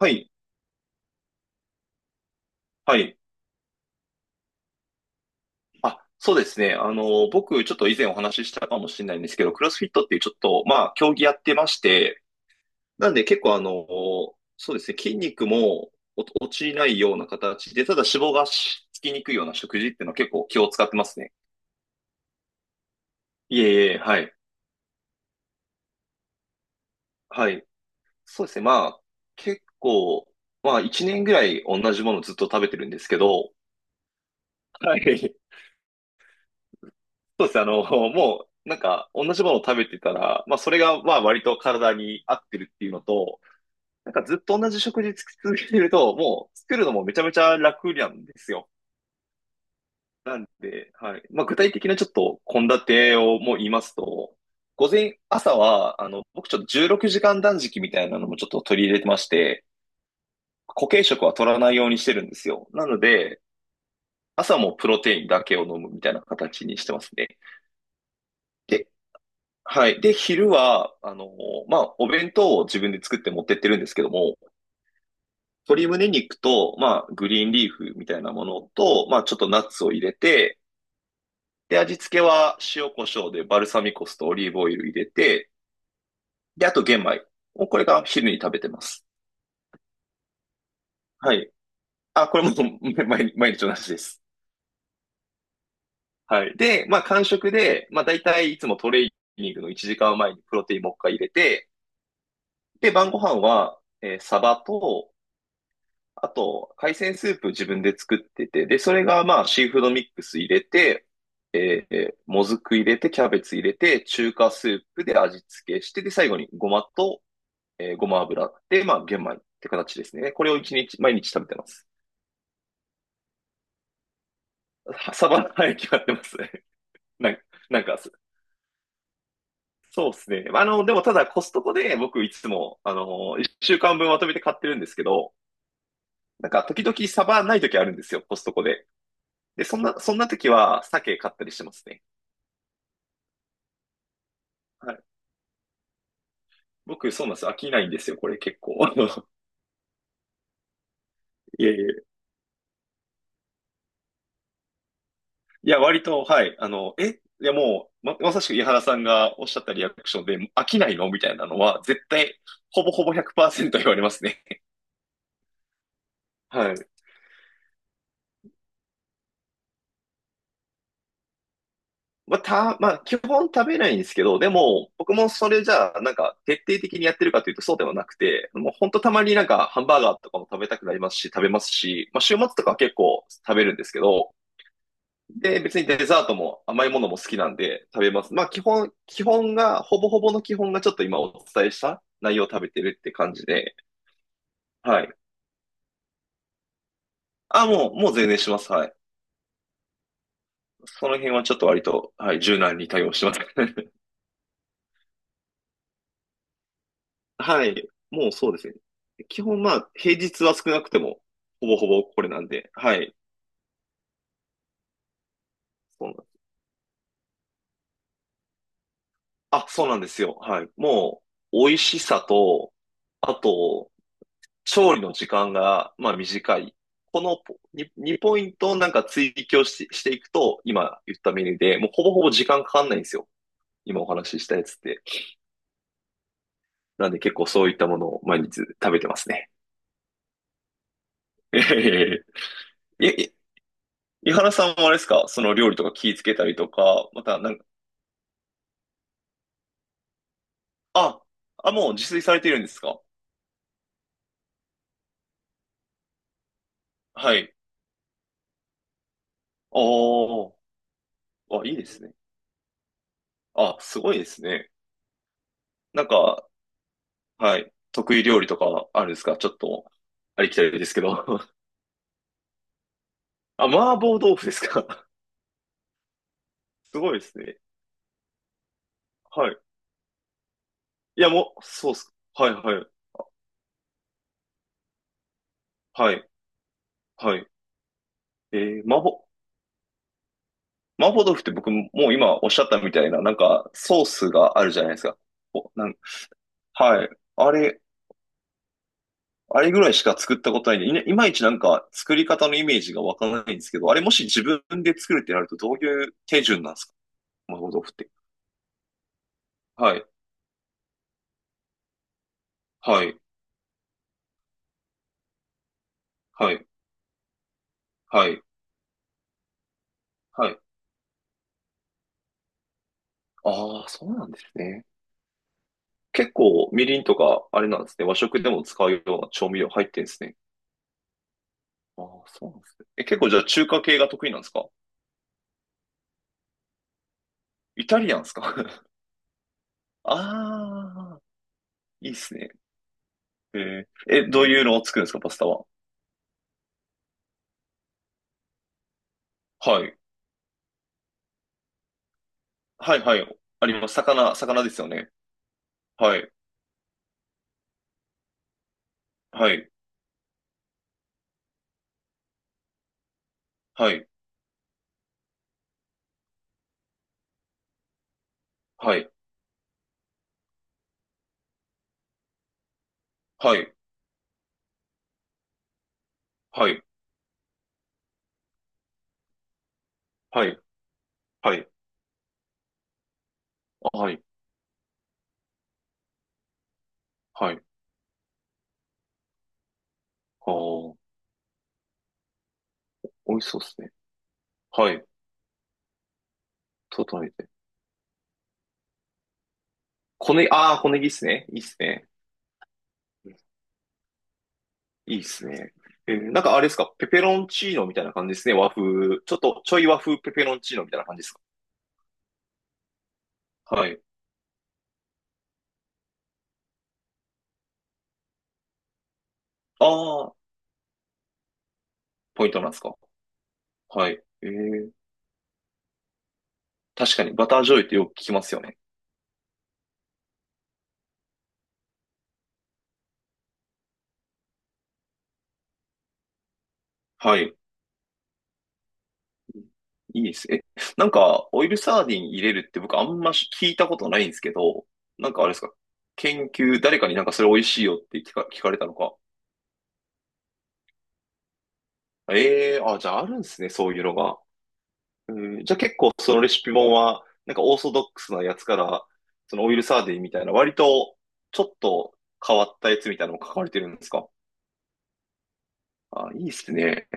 はい。はい。あ、そうですね。僕、ちょっと以前お話ししたかもしれないんですけど、クロスフィットっていうちょっと、まあ、競技やってまして、なんで結構そうですね、筋肉も落ちないような形で、ただ脂肪がつきにくいような食事っていうのは結構気を使ってますね。いえいえ、はい。はい。そうですね、まあ、結構、まあ、1年ぐらい同じものずっと食べてるんですけど、はい。そうですね。もう、なんか、同じものを食べてたら、まあ、それが、まあ、割と体に合ってるっていうのと、なんかずっと同じ食事続けてると、もう、作るのもめちゃめちゃ楽なんですよ。なんで、はい。まあ、具体的なちょっと、献立をもう言いますと、午前、朝は、僕ちょっと16時間断食みたいなのもちょっと取り入れてまして、固形食は取らないようにしてるんですよ。なので、朝もプロテインだけを飲むみたいな形にしてますね。で、はい。で、昼は、まあ、お弁当を自分で作って持ってってるんですけども、鶏胸肉と、まあ、グリーンリーフみたいなものと、まあ、ちょっとナッツを入れて、で、味付けは塩コショウでバルサミコ酢とオリーブオイル入れて、で、あと玄米。もうこれが昼に食べてます。はい。あ、これも 毎日同じです。はい。で、まあ、間食で、まあ、大体いつもトレーニングの1時間前にプロテインもう一回入れて、で、晩ご飯は、サバと、あと、海鮮スープ自分で作ってて、で、それがまあ、シーフードミックス入れて、もずく入れて、キャベツ入れて、中華スープで味付けして、で、最後にごまと、ごま油で、まあ、玄米って形ですね。これを一日、毎日食べてます。はサバの早決買ってますね。なんか、なんか、そうですね。でもただコストコで僕いつも、週間分まとめて買ってるんですけど、なんか時々サバない時あるんですよ、コストコで。で、そんな時は鮭買ったりしてますね。はい、僕、そうなんです。飽きないんですよ、これ結構。あの、いやいやいや、いや割と、はい。あの、え、いやもう、まさしく井原さんがおっしゃったリアクションで、飽きないのみたいなのは、絶対、ほぼほぼ100%言われますね。はい。まあ、まあ、基本食べないんですけど、でも、僕もそれじゃあ、なんか、徹底的にやってるかというとそうではなくて、もうほんとたまになんか、ハンバーガーとかも食べたくなりますし、食べますし、まあ、週末とかは結構食べるんですけど、で、別にデザートも甘いものも好きなんで食べます。まあ基本、基本が、ほぼほぼの基本がちょっと今お伝えした内容を食べてるって感じで、はい。あ、もう全然します。はい。その辺はちょっと割と、はい、柔軟に対応してます。はい。もうそうですね。基本まあ、平日は少なくても、ほぼほぼこれなんで、はい。そうなんあ、そうなんですよ。はい。もう、美味しさと、あと、調理の時間が、まあ、短い。このポ 2, 2ポイントをなんか追求し、していくと、今言ったメニューで、もうほぼほぼ時間かかんないんですよ。今お話ししたやつって。なんで結構そういったものを毎日食べてますね。ええ。井原さんもあれですか、その料理とか気ぃつけたりとか、またなんか、あ、あ、もう自炊されてるんですか。はい。ああ、いいですね。あ、すごいですね。なんか、はい。得意料理とかあるんですか、ちょっと、ありきたりですけど。あ、麻婆豆腐ですか。 すごいですね。はい。いや、もう、そうっす。はいはい。はい。はい。えー、麻婆、麻婆豆腐って僕もう今おっしゃったみたいな、なんかソースがあるじゃないですか。お、なん、はい。あれ、あれぐらいしか作ったことないんで、いまいちなんか作り方のイメージがわからないんですけど、あれもし自分で作るってなるとどういう手順なんですか、麻婆豆腐って。はい。はい。はい。はい。はい。ああ、そうなんですね。結構、みりんとか、あれなんですね。和食でも使うような調味料入ってんですね。ああ、そうなんですね。え、結構じゃあ中華系が得意なんですか。イタリアンですか。 ああ、いいっすね。えー、え、どういうのを作るんですか、パスタは。はい。はい、はい。あります。魚ですよね。はい。はい。はい。はい。はい。はい。はい。はい。はい。はい。ああ、美味しそうですね。はい。整えて。小ねぎ、ああ、小ネギっすね。いいっすね。いいですね。えーなんかあれですか、ペペロンチーノみたいな感じですね。和風。ちょっとちょい和風ペペロンチーノみたいな感じですか。はい。ああ、ポイントなんですか。はい。えー、確かにバター醤油ってよく聞きますよね。はい。いいです。え、なんか、オイルサーディン入れるって僕あんまし聞いたことないんですけど、なんかあれですか、研究、誰かになんかそれ美味しいよって聞かれたのか。ええー、あ、じゃああるんですね、そういうのが。うん、じゃあ結構そのレシピ本は、なんかオーソドックスなやつから、そのオイルサーディンみたいな、割とちょっと変わったやつみたいなのも書かれてるんですか。あ、いいっすね。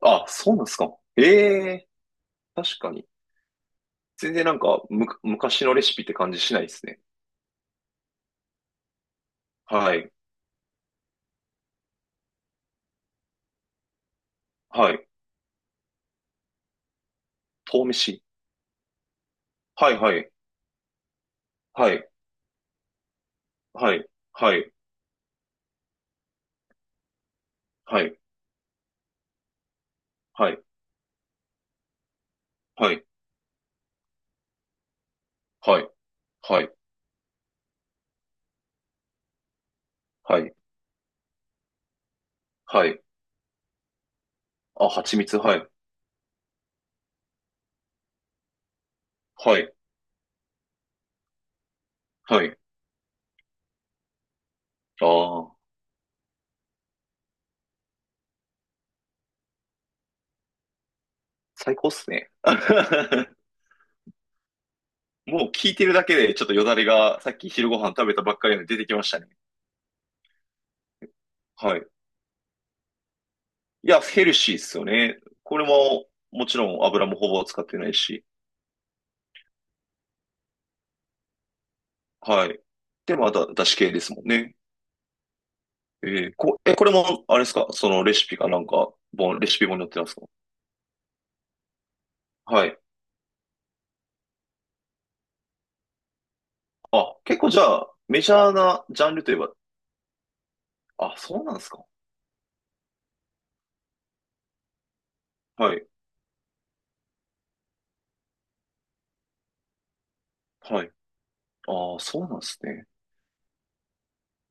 あ、そうなんですか。ええ、確かに。全然なんか、昔のレシピって感じしないですね。はい。はい。豆飯。はいはい。はい。はい。はい。はい。はい。はい。はい。はい。はい。はい。あ、蜂蜜。はい。はい。はい。ああ、最高っすね。もう聞いてるだけで、ちょっとよだれが、さっき昼ご飯食べたばっかりなので出てきましたね。はい。いや、ヘルシーっすよね。これも、もちろん油もほぼ使ってないし。はい。で、また、だし系ですもんね。これも、あれですか、そのレシピかなんか、レシピ本に載ってますか。はい。あ、結構じゃあ、メジャーなジャンルといえば、あ、そうなんですか。はい。はい。ああ、そうなんですね。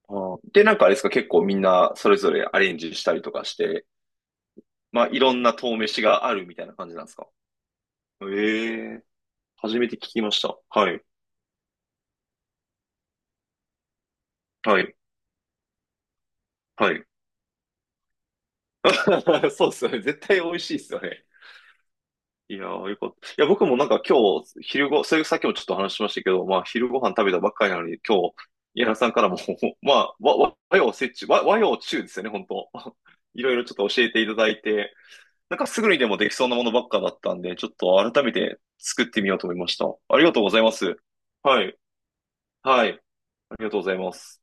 あーで、なんかあれですか、結構みんな、それぞれアレンジしたりとかして、まあ、いろんな遠飯があるみたいな感じなんですか。ええ、初めて聞きました。はい。はい。はい。そうっすよね。絶対美味しいですよね。いやー、よかった。いや、僕もなんか今日、それさっきもちょっと話しましたけど、まあ、昼ご飯食べたばっかりなのに、今日、柳さんからも まあ、和洋折衷、和洋中ですよね、本当 いろいろちょっと教えていただいて、なんかすぐにでもできそうなものばっかだったんで、ちょっと改めて作ってみようと思いました。ありがとうございます。はい。はい。ありがとうございます。